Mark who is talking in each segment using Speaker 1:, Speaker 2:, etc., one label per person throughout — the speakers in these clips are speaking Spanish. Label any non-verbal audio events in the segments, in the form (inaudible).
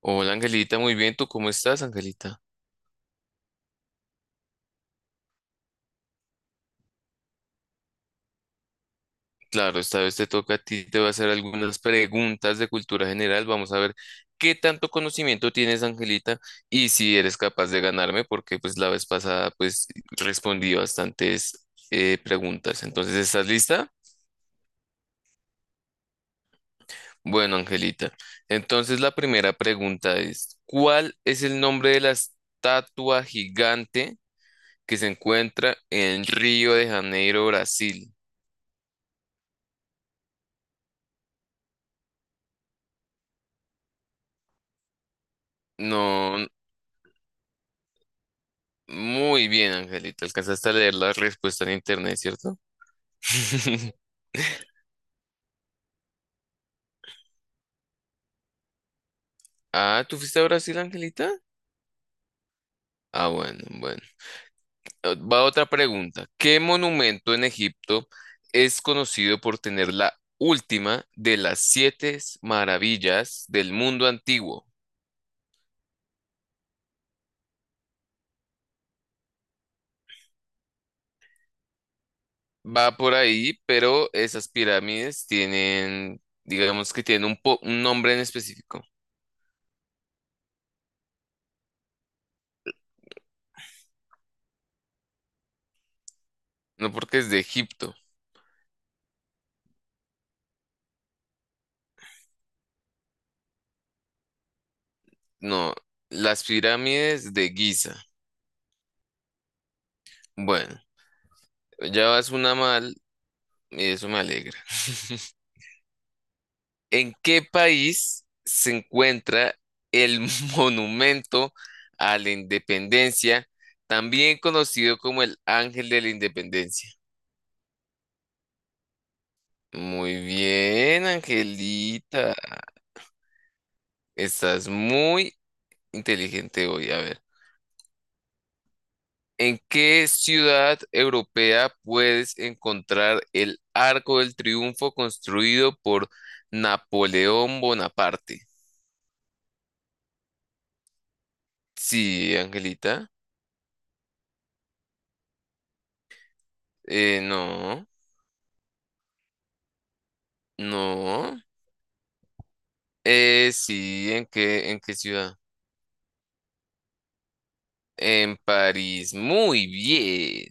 Speaker 1: Hola Angelita, muy bien, ¿tú cómo estás, Angelita? Claro, esta vez te toca a ti, te voy a hacer algunas preguntas de cultura general. Vamos a ver qué tanto conocimiento tienes, Angelita, y si eres capaz de ganarme, porque pues la vez pasada pues respondí bastantes preguntas. Entonces, ¿estás lista? Bueno, Angelita. Entonces, la primera pregunta es, ¿cuál es el nombre de la estatua gigante que se encuentra en Río de Janeiro, Brasil? No. Muy bien, Angelita. Alcanzaste a leer la respuesta en internet, ¿cierto? (laughs) Ah, ¿tú fuiste a Brasil, Angelita? Ah, bueno, bueno. Va otra pregunta. ¿Qué monumento en Egipto es conocido por tener la última de las siete maravillas del mundo antiguo? Va por ahí, pero esas pirámides tienen, digamos que tienen un, un nombre en específico. No, porque es de Egipto, no, las pirámides de Giza. Bueno. Ya vas una mal y eso me alegra. (laughs) ¿En qué país se encuentra el (laughs) Monumento a la Independencia, también conocido como el Ángel de la Independencia? Muy bien, Angelita. Estás muy inteligente hoy. A ver, ¿en qué ciudad europea puedes encontrar el Arco del Triunfo construido por Napoleón Bonaparte? Sí, Angelita. No, no. Sí, en qué ciudad? En París. Muy bien.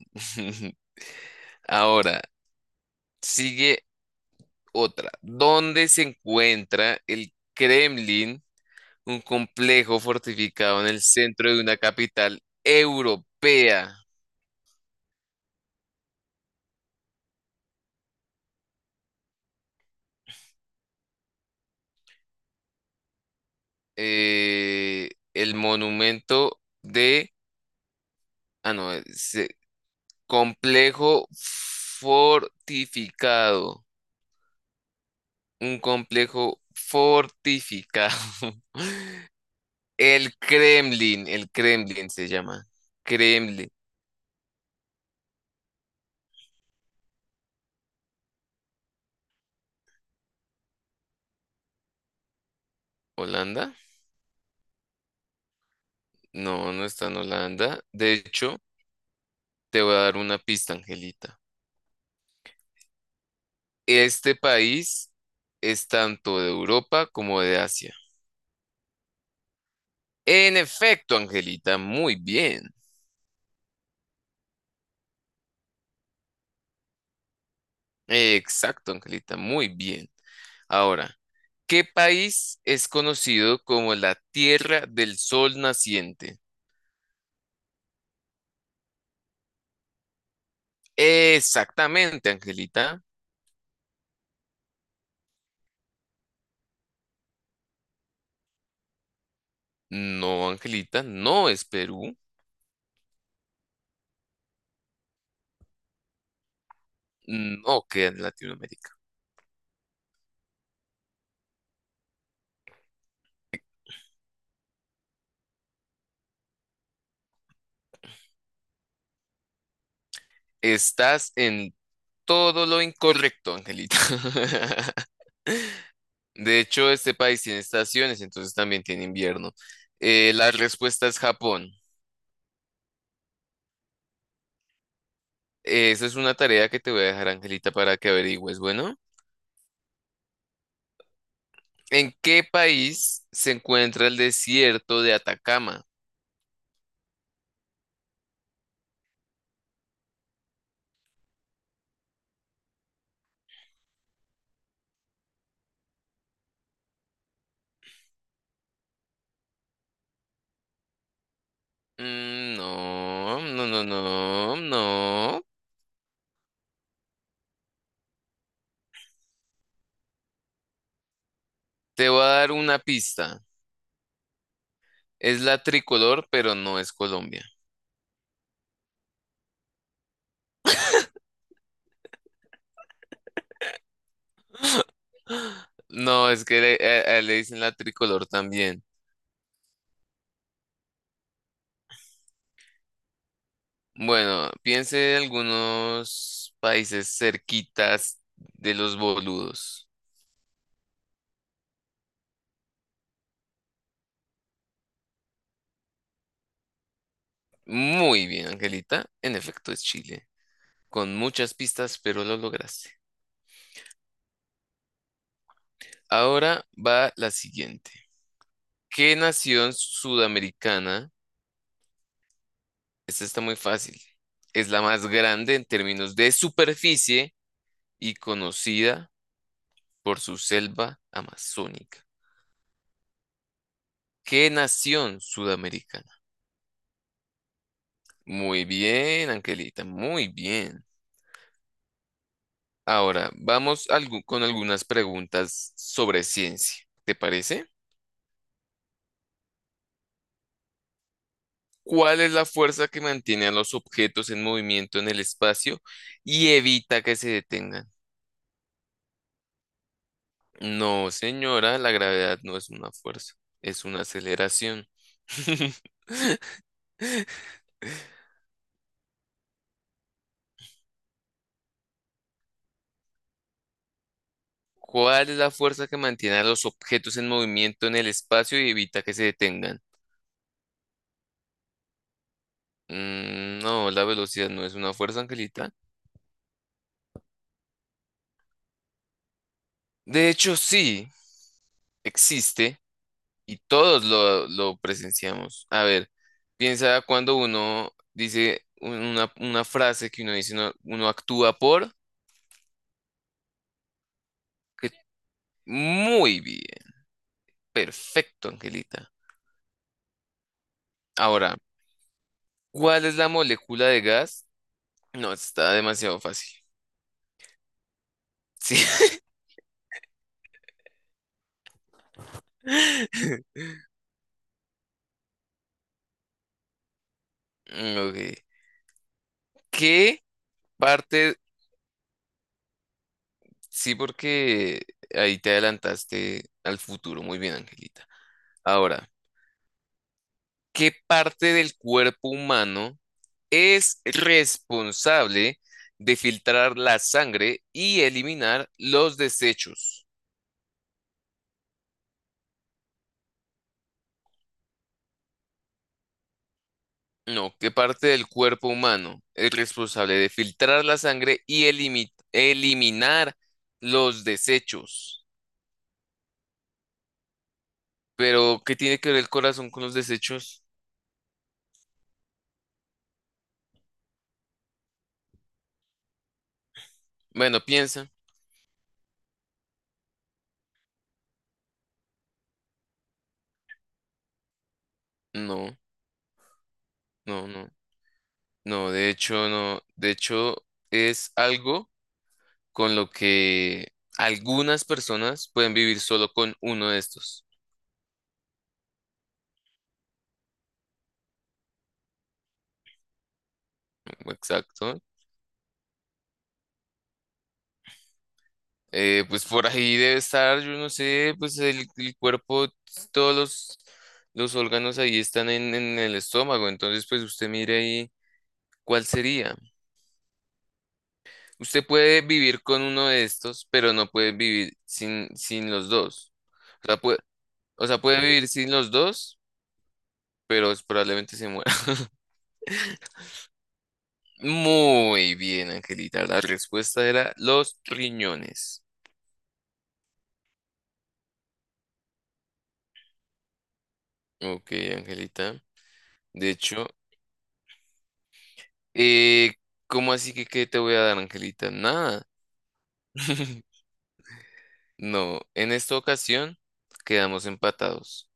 Speaker 1: (laughs) Ahora, sigue otra. ¿Dónde se encuentra el Kremlin, un complejo fortificado en el centro de una capital europea? El monumento de... Ah, no, es, complejo fortificado. Un complejo fortificado. (laughs) El Kremlin se llama. Kremlin. ¿Holanda? No, no está en Holanda. De hecho, te voy a dar una pista, Angelita. Este país es tanto de Europa como de Asia. En efecto, Angelita, muy bien. Exacto, Angelita, muy bien. Ahora, ¿qué país es conocido como la Tierra del Sol Naciente? Exactamente, Angelita. No, Angelita, no es Perú. No queda en Latinoamérica. Estás en todo lo incorrecto, Angelita. (laughs) De hecho, este país tiene estaciones, entonces también tiene invierno. La respuesta es Japón. Esa es una tarea que te voy a dejar, Angelita, para que averigües. Bueno, ¿en qué país se encuentra el desierto de Atacama? Mm, no, no, no, no, no. Te voy a dar una pista. Es la tricolor, pero no es Colombia. No, es que le, le dicen la tricolor también. Bueno, piense en algunos países cerquitas de los boludos. Muy bien, Angelita. En efecto, es Chile. Con muchas pistas, pero lo lograste. Ahora va la siguiente. ¿Qué nación sudamericana? Esta está muy fácil. Es la más grande en términos de superficie y conocida por su selva amazónica. ¿Qué nación sudamericana? Muy bien, Angelita, muy bien. Ahora, vamos con algunas preguntas sobre ciencia. ¿Te parece? ¿Cuál es la fuerza que mantiene a los objetos en movimiento en el espacio y evita que se detengan? No, señora, la gravedad no es una fuerza, es una aceleración. (laughs) ¿Cuál es la fuerza que mantiene a los objetos en movimiento en el espacio y evita que se detengan? Mm, no, la velocidad no es una fuerza, Angelita. De hecho, sí, existe y todos lo presenciamos. A ver, piensa cuando uno dice una frase que uno dice, uno actúa por... que- Muy bien, perfecto, Angelita. Ahora, ¿cuál es la molécula de gas? No, está demasiado fácil. Sí. (laughs) Ok. ¿Qué parte? Sí, porque ahí te adelantaste al futuro. Muy bien, Angelita. Ahora, ¿qué parte del cuerpo humano es responsable de filtrar la sangre y eliminar los desechos? No, ¿qué parte del cuerpo humano es responsable de filtrar la sangre y eliminar los desechos? Pero, ¿qué tiene que ver el corazón con los desechos? Bueno, piensa. No, no, no. No, de hecho, no. De hecho, es algo con lo que algunas personas pueden vivir solo con uno de estos. Exacto. Pues por ahí debe estar, yo no sé, pues el cuerpo, todos los órganos ahí están en el estómago. Entonces, pues usted mire ahí cuál sería. Usted puede vivir con uno de estos, pero no puede vivir sin los dos. O sea, puede, o sea, puede vivir sin los dos, pero probablemente se muera. Muy bien, Angelita. La respuesta era los riñones. Ok, Angelita. De hecho, eh, ¿cómo así que qué te voy a dar, Angelita? Nada. (laughs) No, en esta ocasión quedamos empatados.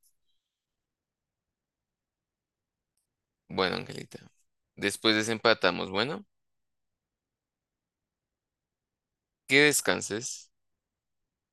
Speaker 1: Bueno, Angelita. Después desempatamos. Bueno, que descanses.